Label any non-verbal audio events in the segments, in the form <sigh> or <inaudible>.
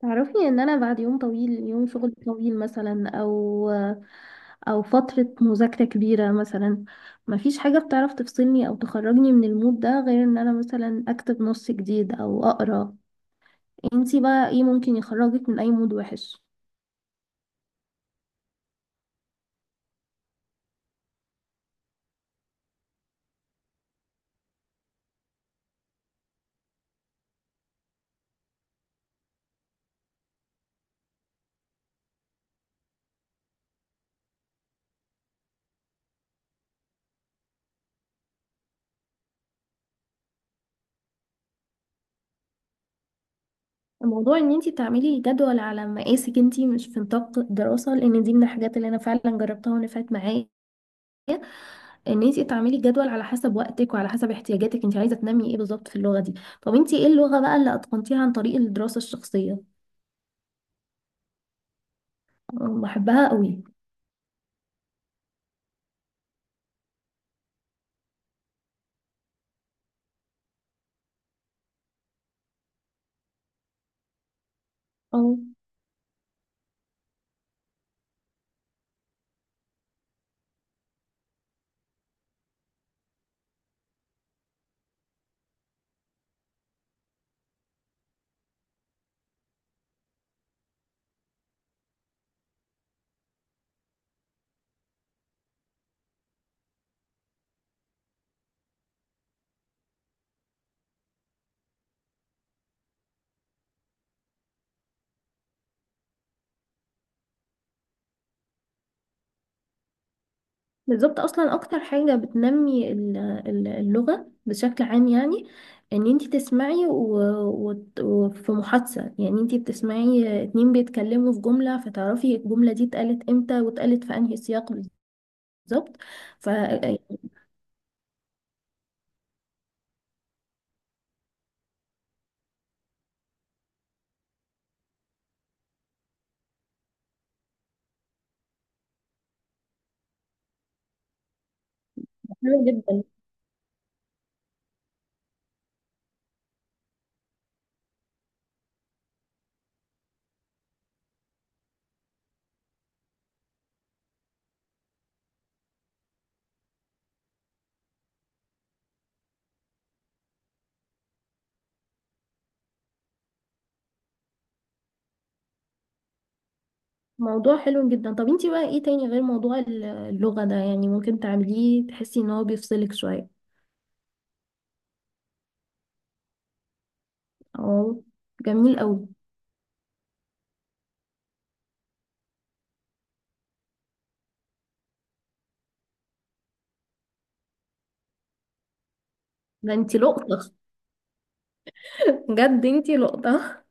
تعرفي ان انا بعد يوم طويل، يوم شغل طويل مثلا، او فترة مذاكرة كبيرة مثلا، مفيش حاجة بتعرف تفصلني او تخرجني من المود ده غير ان انا مثلا اكتب نص جديد او اقرا. انتي بقى ايه ممكن يخرجك من اي مود وحش؟ الموضوع ان انتي تعملي جدول على مقاسك انتي، مش في نطاق دراسة، لان دي من الحاجات اللي انا فعلا جربتها ونفعت معايا. ان انت تعملي جدول على حسب وقتك وعلى حسب احتياجاتك، انت عايزه تنمي ايه بالظبط في اللغه دي. طب انت ايه اللغه بقى اللي اتقنتيها عن طريق الدراسه الشخصيه؟ أه، بحبها قوي. اه بالظبط، اصلا اكتر حاجه بتنمي اللغه بشكل عام، يعني ان انت تسمعي وفي محادثه، يعني انت بتسمعي اتنين بيتكلموا في جمله، فتعرفي الجمله دي اتقالت امتى واتقالت في انهي سياق. بالظبط. ف يعني حلو جدا. موضوع حلو جدا. طب انتي بقى ايه تاني غير موضوع اللغة ده يعني ممكن تعمليه تحسي ان هو بيفصلك شوية؟ اه جميل قوي. ده انتي لقطة، بجد انتي لقطة.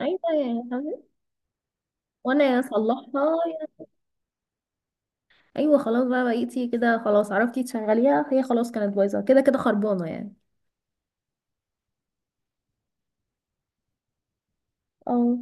ايوه يا حبيبتي. وانا اصلحها. ايوه خلاص بقى، بقيتي كده خلاص عرفتي تشغليها، هي خلاص كانت بايظة كده كده، خربانة يعني. اه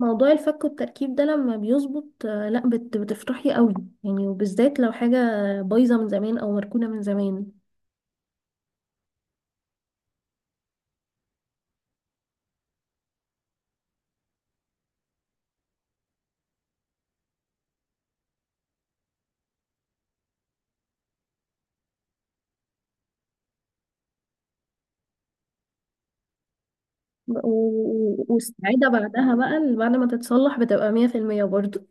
موضوع الفك والتركيب ده لما بيظبط آه، لا بتفرحي قوي، يعني وبالذات لو حاجة بايظة من زمان او مركونة من زمان. والسعادة بعدها بقى، بعد ما تتصلح بتبقى مية في المية برضه.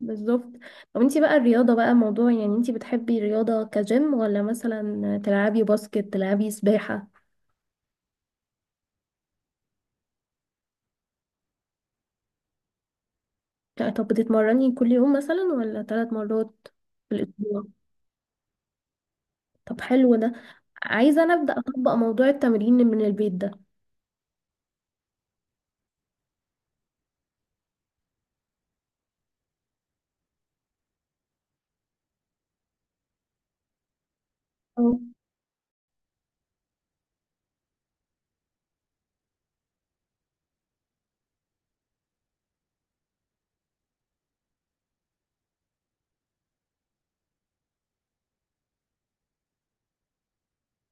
بالظبط. طب انتي بقى الرياضة بقى موضوع، يعني انتي بتحبي الرياضة كجيم ولا مثلا تلعبي باسكت، تلعبي سباحة؟ لا، طب بتتمرني كل يوم مثلا ولا ثلاث مرات في الأسبوع؟ طب حلو ده، عايزة أنا أبدأ أطبق موضوع التمرين من البيت ده. أه.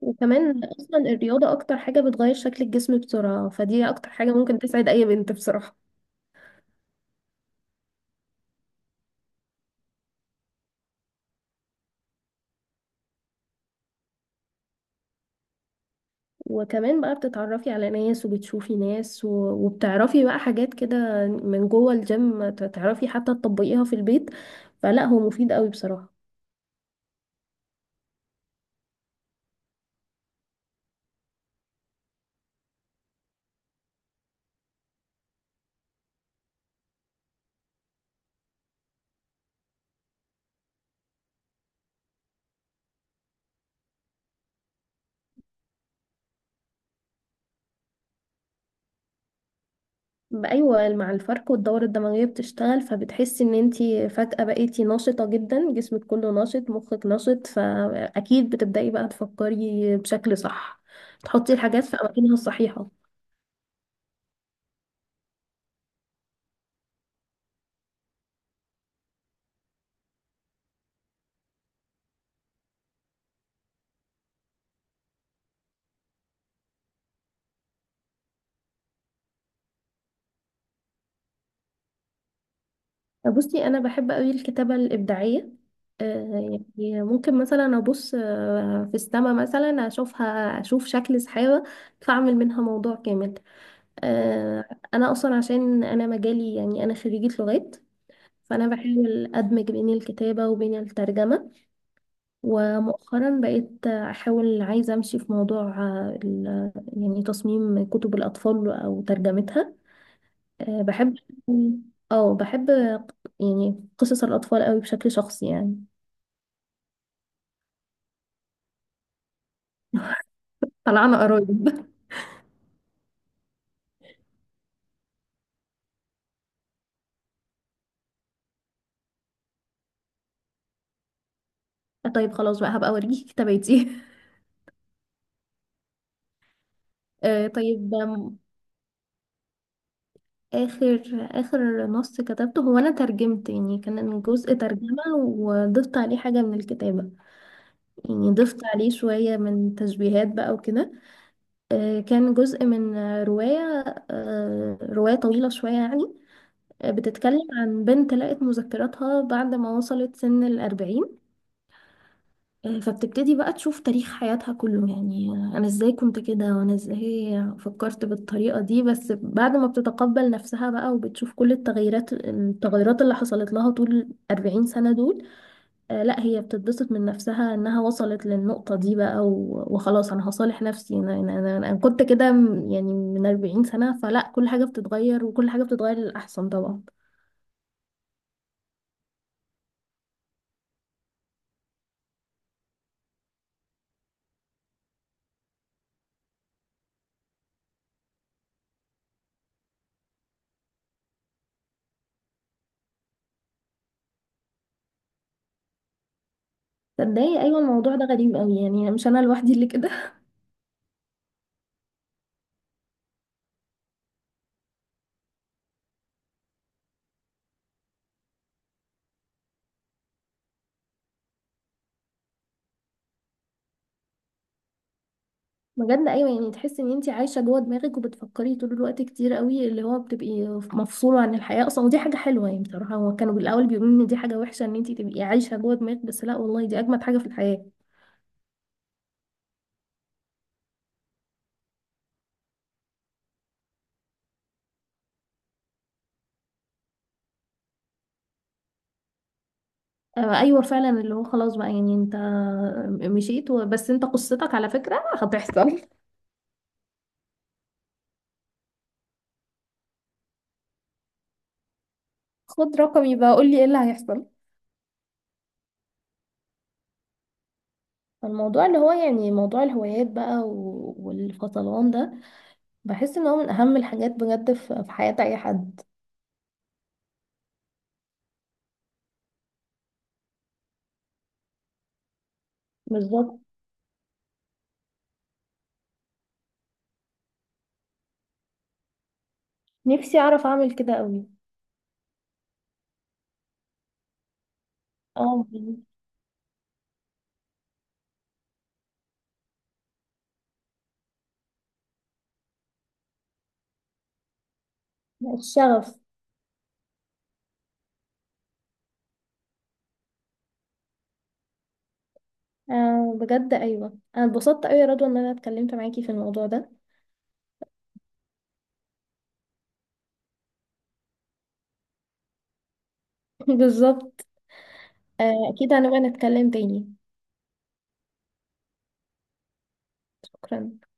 وكمان أصلا الرياضة أكتر حاجة بتغير شكل الجسم بسرعة، فدي أكتر حاجة ممكن تسعد أي بنت بصراحة. وكمان بقى بتتعرفي على ناس وبتشوفي ناس، وبتعرفي بقى حاجات كده من جوه الجيم تعرفي حتى تطبقيها في البيت. فلا هو مفيد قوي بصراحة. بقى ايوه، مع الفرق والدورة الدموية بتشتغل، فبتحسي ان انتي فجأة بقيتي نشطة جدا، جسمك كله نشط، مخك نشط، فاكيد بتبدأي بقى تفكري بشكل صح، تحطي الحاجات في اماكنها الصحيحة. بصي انا بحب قوي الكتابه الابداعيه. آه، يعني ممكن مثلا ابص آه، في السما مثلا اشوفها، اشوف شكل سحابه فاعمل منها موضوع كامل. آه، انا اصلا عشان انا مجالي، يعني انا خريجه لغات، فانا بحاول ادمج بين الكتابه وبين الترجمه. ومؤخرا بقيت احاول عايزه امشي في موضوع آه، يعني تصميم كتب الاطفال او ترجمتها. أه بحب، اه بحب يعني قصص الأطفال قوي بشكل شخصي يعني. طلعنا قرايب <laughs> طيب خلاص بقى هبقى أوريكي <laughs> كتاباتي. أه طيب أم، آخر آخر نص كتبته هو أنا ترجمت، يعني كان جزء ترجمة وضفت عليه حاجة من الكتابة. يعني ضفت عليه شوية من تشبيهات بقى وكده. أه كان جزء من رواية، أه رواية طويلة شوية يعني. آه، بتتكلم عن بنت لقت مذكراتها بعد ما وصلت سن الأربعين. آه، فبتبتدي بقى تشوف تاريخ حياتها كله، يعني آه، انا ازاي كنت كده وانا ازاي فكرت بالطريقة دي. بس بعد ما بتتقبل نفسها بقى، وبتشوف كل التغيرات اللي حصلت لها طول 40 سنة دول، آه، لا هي بتتبسط من نفسها انها وصلت للنقطة دي بقى. وخلاص انا هصالح نفسي، انا أنا كنت كده يعني من 40 سنة، فلا كل حاجة بتتغير، وكل حاجة بتتغير للأحسن طبعا. تصدقي ايوه الموضوع ده غريب قوي، يعني مش انا لوحدي اللي كده. بجد ايوه، يعني تحس ان انت عايشه جوه دماغك وبتفكري طول الوقت كتير قوي، اللي هو بتبقي مفصوله عن الحياه اصلا، ودي حاجه حلوه يعني. بصراحه هو كانوا بالاول بيقولوا ان دي حاجه وحشه ان انت تبقي عايشه جوه دماغك، بس لا والله دي اجمد حاجه في الحياه. آه ايوه فعلا، اللي هو خلاص بقى يعني انت مشيت. بس انت قصتك على فكره هتحصل <laughs> خد رقمي بقى قول لي ايه اللي هيحصل. الموضوع اللي هو يعني موضوع الهوايات بقى والفصلان ده بحس ان هو من اهم الحاجات بجد في في حياه اي حد. بالظبط. نفسي اعرف اعمل كده قوي. اه الشغف. آه بجد ايوه انا اتبسطت قوي يا رضوى ان انا اتكلمت معاكي في الموضوع ده. <laughs> بالظبط. آه اكيد هنبقى نتكلم تاني. شكرا.